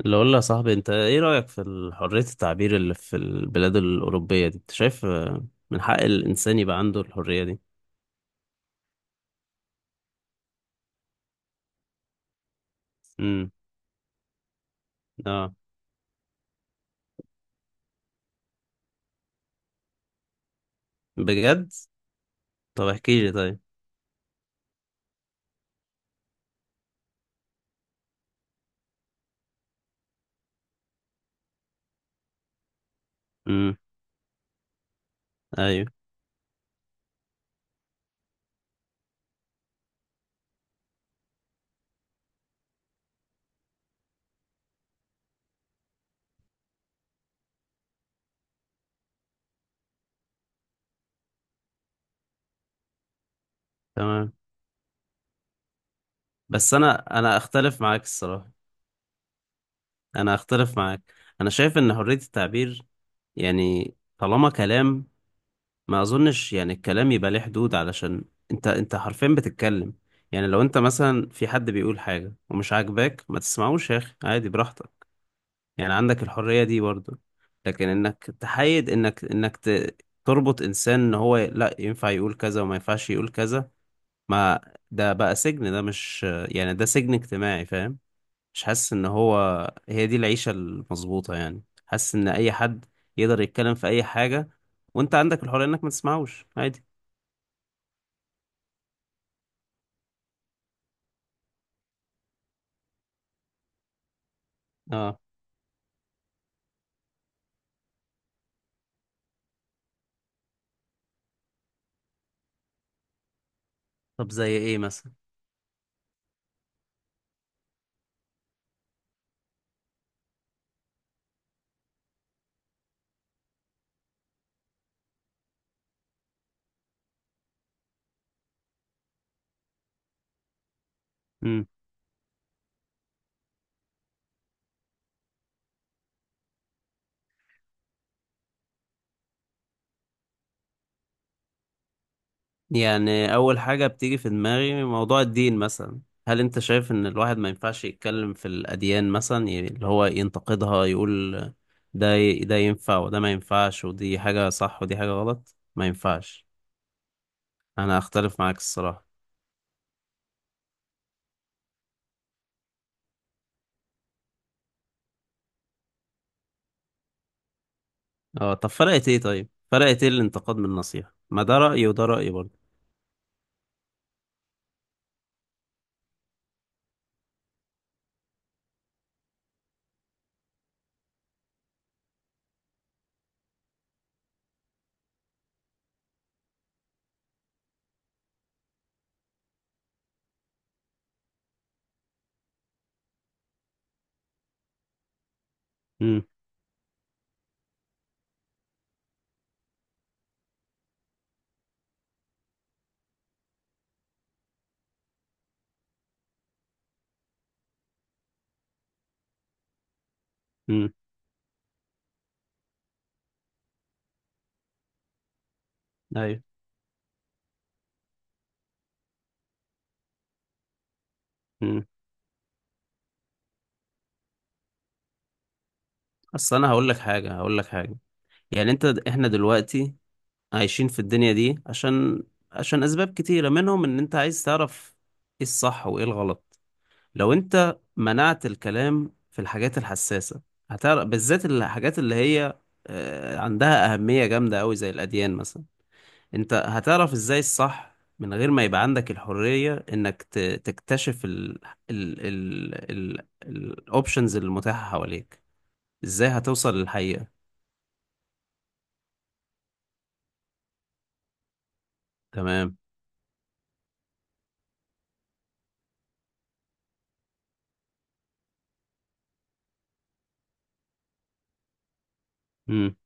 اللي اقول يا صاحبي، انت ايه رأيك في حرية التعبير اللي في البلاد الأوروبية دي؟ انت شايف من حق الإنسان يبقى عنده الحرية دي؟ امم. اه. بجد؟ طب احكي لي طيب. امم. ايوه. تمام. بس انا اختلف معاك الصراحة. انا اختلف معاك. انا شايف ان حرية التعبير، يعني طالما كلام، ما اظنش يعني الكلام يبقى ليه حدود، علشان انت حرفيا بتتكلم. يعني لو انت مثلا في حد بيقول حاجة ومش عاجباك ما تسمعوش يا اخي، عادي براحتك. يعني عندك الحرية دي برضو. لكن انك تحيد، انك تربط انسان ان هو لا ينفع يقول كذا وما ينفعش يقول كذا. ما ده بقى سجن، ده مش يعني ده سجن اجتماعي، فاهم؟ مش حاسس ان هو هي دي العيشة المظبوطة، يعني حاسس ان اي حد يقدر يتكلم في اي حاجة، وانت عندك الحرية انك ما تسمعوش، عادي. اه. طب زي ايه مثلا؟ يعني أول حاجة بتيجي في دماغي موضوع الدين مثلا. هل أنت شايف إن الواحد ما ينفعش يتكلم في الأديان مثلا، اللي هو ينتقدها، يقول ده ينفع وده ما ينفعش، ودي حاجة صح ودي حاجة غلط ما ينفعش؟ أنا أختلف معاك الصراحة. أه. طب فرقت إيه طيب فرقت إيه الانتقاد من النصيحة؟ ما ده رأيي وده رأيي برضه. امم. امم. أيوه. امم. أصل أنا هقول لك حاجة، هقول لك حاجة. يعني إحنا دلوقتي عايشين في الدنيا دي عشان، عشان اسباب كتيرة منهم ان انت عايز تعرف ايه الصح وايه الغلط. لو انت منعت الكلام في الحاجات الحساسة، هتعرف بالذات الحاجات اللي هي عندها أهمية جامدة أوي زي الأديان مثلا. أنت هتعرف إزاي الصح من غير ما يبقى عندك الحرية إنك تكتشف ال ال ال ال الأوبشنز المتاحة حواليك؟ إزاي هتوصل للحقيقة؟ تمام. امم.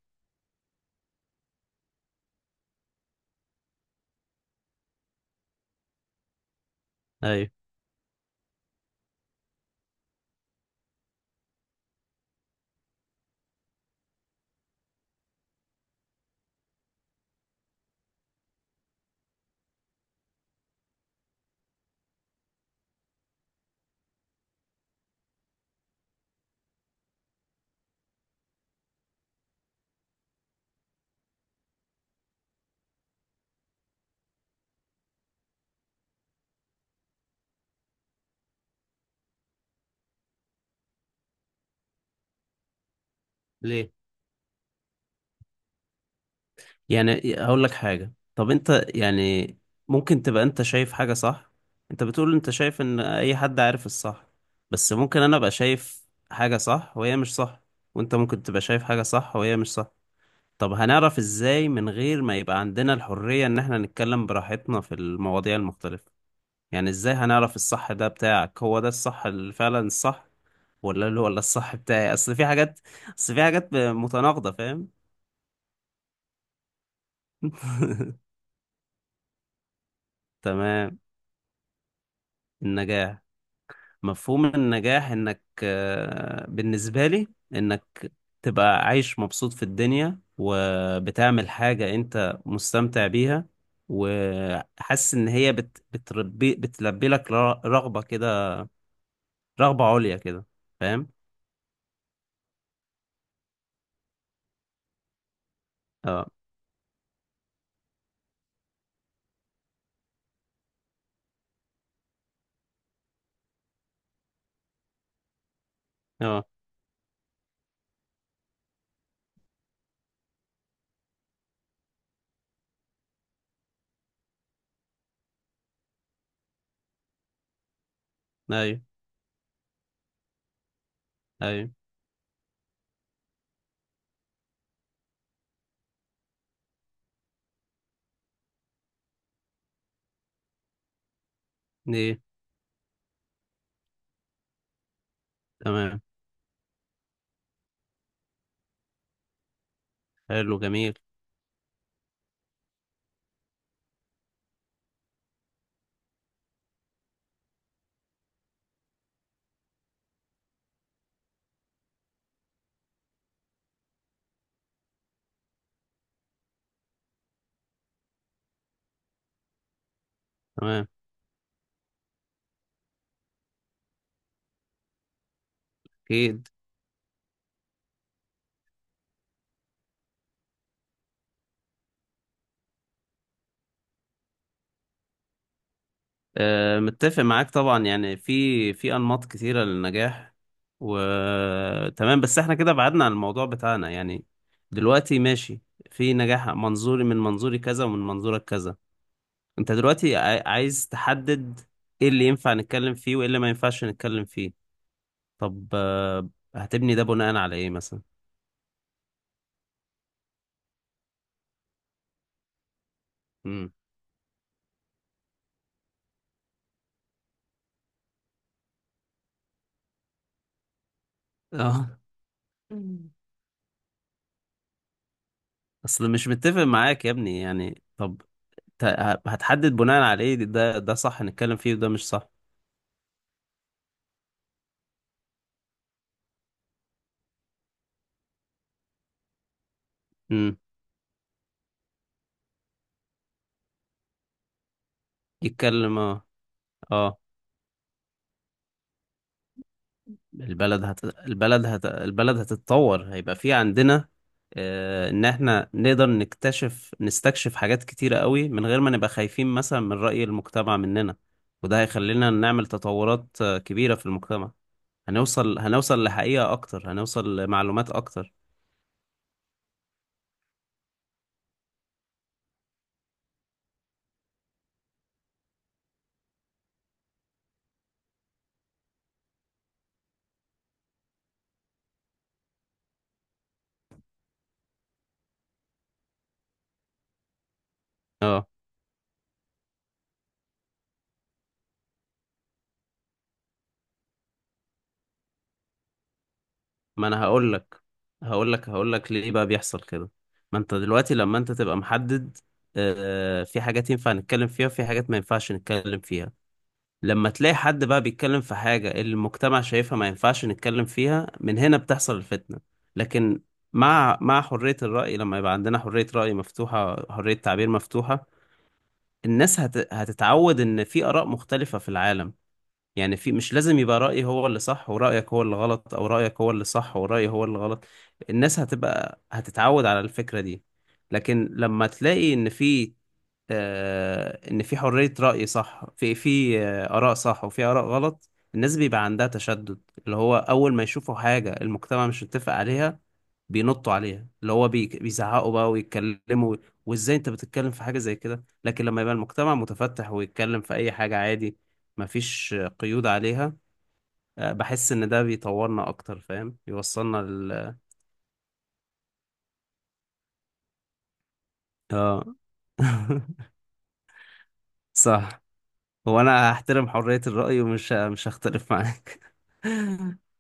أيوه. ليه؟ يعني هقول لك حاجة، طب انت يعني، ممكن تبقى انت شايف حاجة صح. انت بتقول انت شايف ان اي حد عارف الصح، بس ممكن انا ابقى شايف حاجة صح وهي مش صح، وانت ممكن تبقى شايف حاجة صح وهي مش صح. طب هنعرف ازاي من غير ما يبقى عندنا الحرية ان احنا نتكلم براحتنا في المواضيع المختلفة؟ يعني ازاي هنعرف الصح ده بتاعك هو ده الصح اللي فعلا الصح، ولا الصح بتاعي؟ اصل في حاجات متناقضة، فاهم؟ تمام. النجاح. مفهوم النجاح انك آه، بالنسبة لي، انك تبقى عايش مبسوط في الدنيا وبتعمل حاجة انت مستمتع بيها، وحاسس ان هي بت بتربي بتلبي لك رغبة عليا كده، فاهم؟ اه. اه. ايوه. ايوه. ايه؟ تمام. حلو جميل. تمام. اكيد. متفق معاك طبعا، يعني في انماط كتيره للنجاح. وتمام، بس احنا كده بعدنا عن الموضوع بتاعنا يعني. دلوقتي ماشي، في نجاح من منظوري كذا ومن منظورك كذا. انت دلوقتي عايز تحدد ايه اللي ينفع نتكلم فيه وايه اللي ما ينفعش نتكلم فيه. طب هتبني ده بناء على ايه مثلا؟ امم. اه. اصل مش متفق معاك يا ابني يعني. طب ت- هتحدد بناء على ايه ده صح نتكلم فيه وده مش صح؟ امم. يتكلم، اه. اه. البلد هتتطور، هيبقى في عندنا آه ان احنا نقدر نستكشف حاجات كتيرة قوي من غير ما نبقى خايفين مثلا من رأي المجتمع مننا، وده هيخلينا نعمل تطورات كبيرة في المجتمع. هنوصل لحقيقة اكتر، هنوصل لمعلومات اكتر. اه. ما انا هقول لك، ليه بقى بيحصل كده. ما انت دلوقتي لما انت تبقى محدد في حاجات ينفع نتكلم فيها وفي حاجات ما ينفعش نتكلم فيها، لما تلاقي حد بقى بيتكلم في حاجة اللي المجتمع شايفها ما ينفعش نتكلم فيها، من هنا بتحصل الفتنة. لكن مع حرية الرأي، لما يبقى عندنا حرية رأي مفتوحة، حرية تعبير مفتوحة، الناس هتتعود إن في آراء مختلفة في العالم. يعني مش لازم يبقى رأيي هو اللي صح ورأيك هو اللي غلط، أو رأيك هو اللي صح ورأيي هو اللي غلط. الناس هتتعود على الفكرة دي. لكن لما تلاقي إن في آه، ان في حرية رأي صح، في آراء صح وفي آراء غلط، الناس بيبقى عندها تشدد، اللي هو اول ما يشوفوا حاجة المجتمع مش متفق عليها بينطوا عليها، اللي هو بيزعقوا بقى ويتكلموا وازاي انت بتتكلم في حاجة زي كده. لكن لما يبقى المجتمع متفتح ويتكلم في اي حاجة عادي، مفيش قيود عليها. بحس ان ده بيطورنا اكتر، فاهم؟ يوصلنا لل اه. صح. وانا هحترم حرية الرأي، ومش مش هختلف معاك.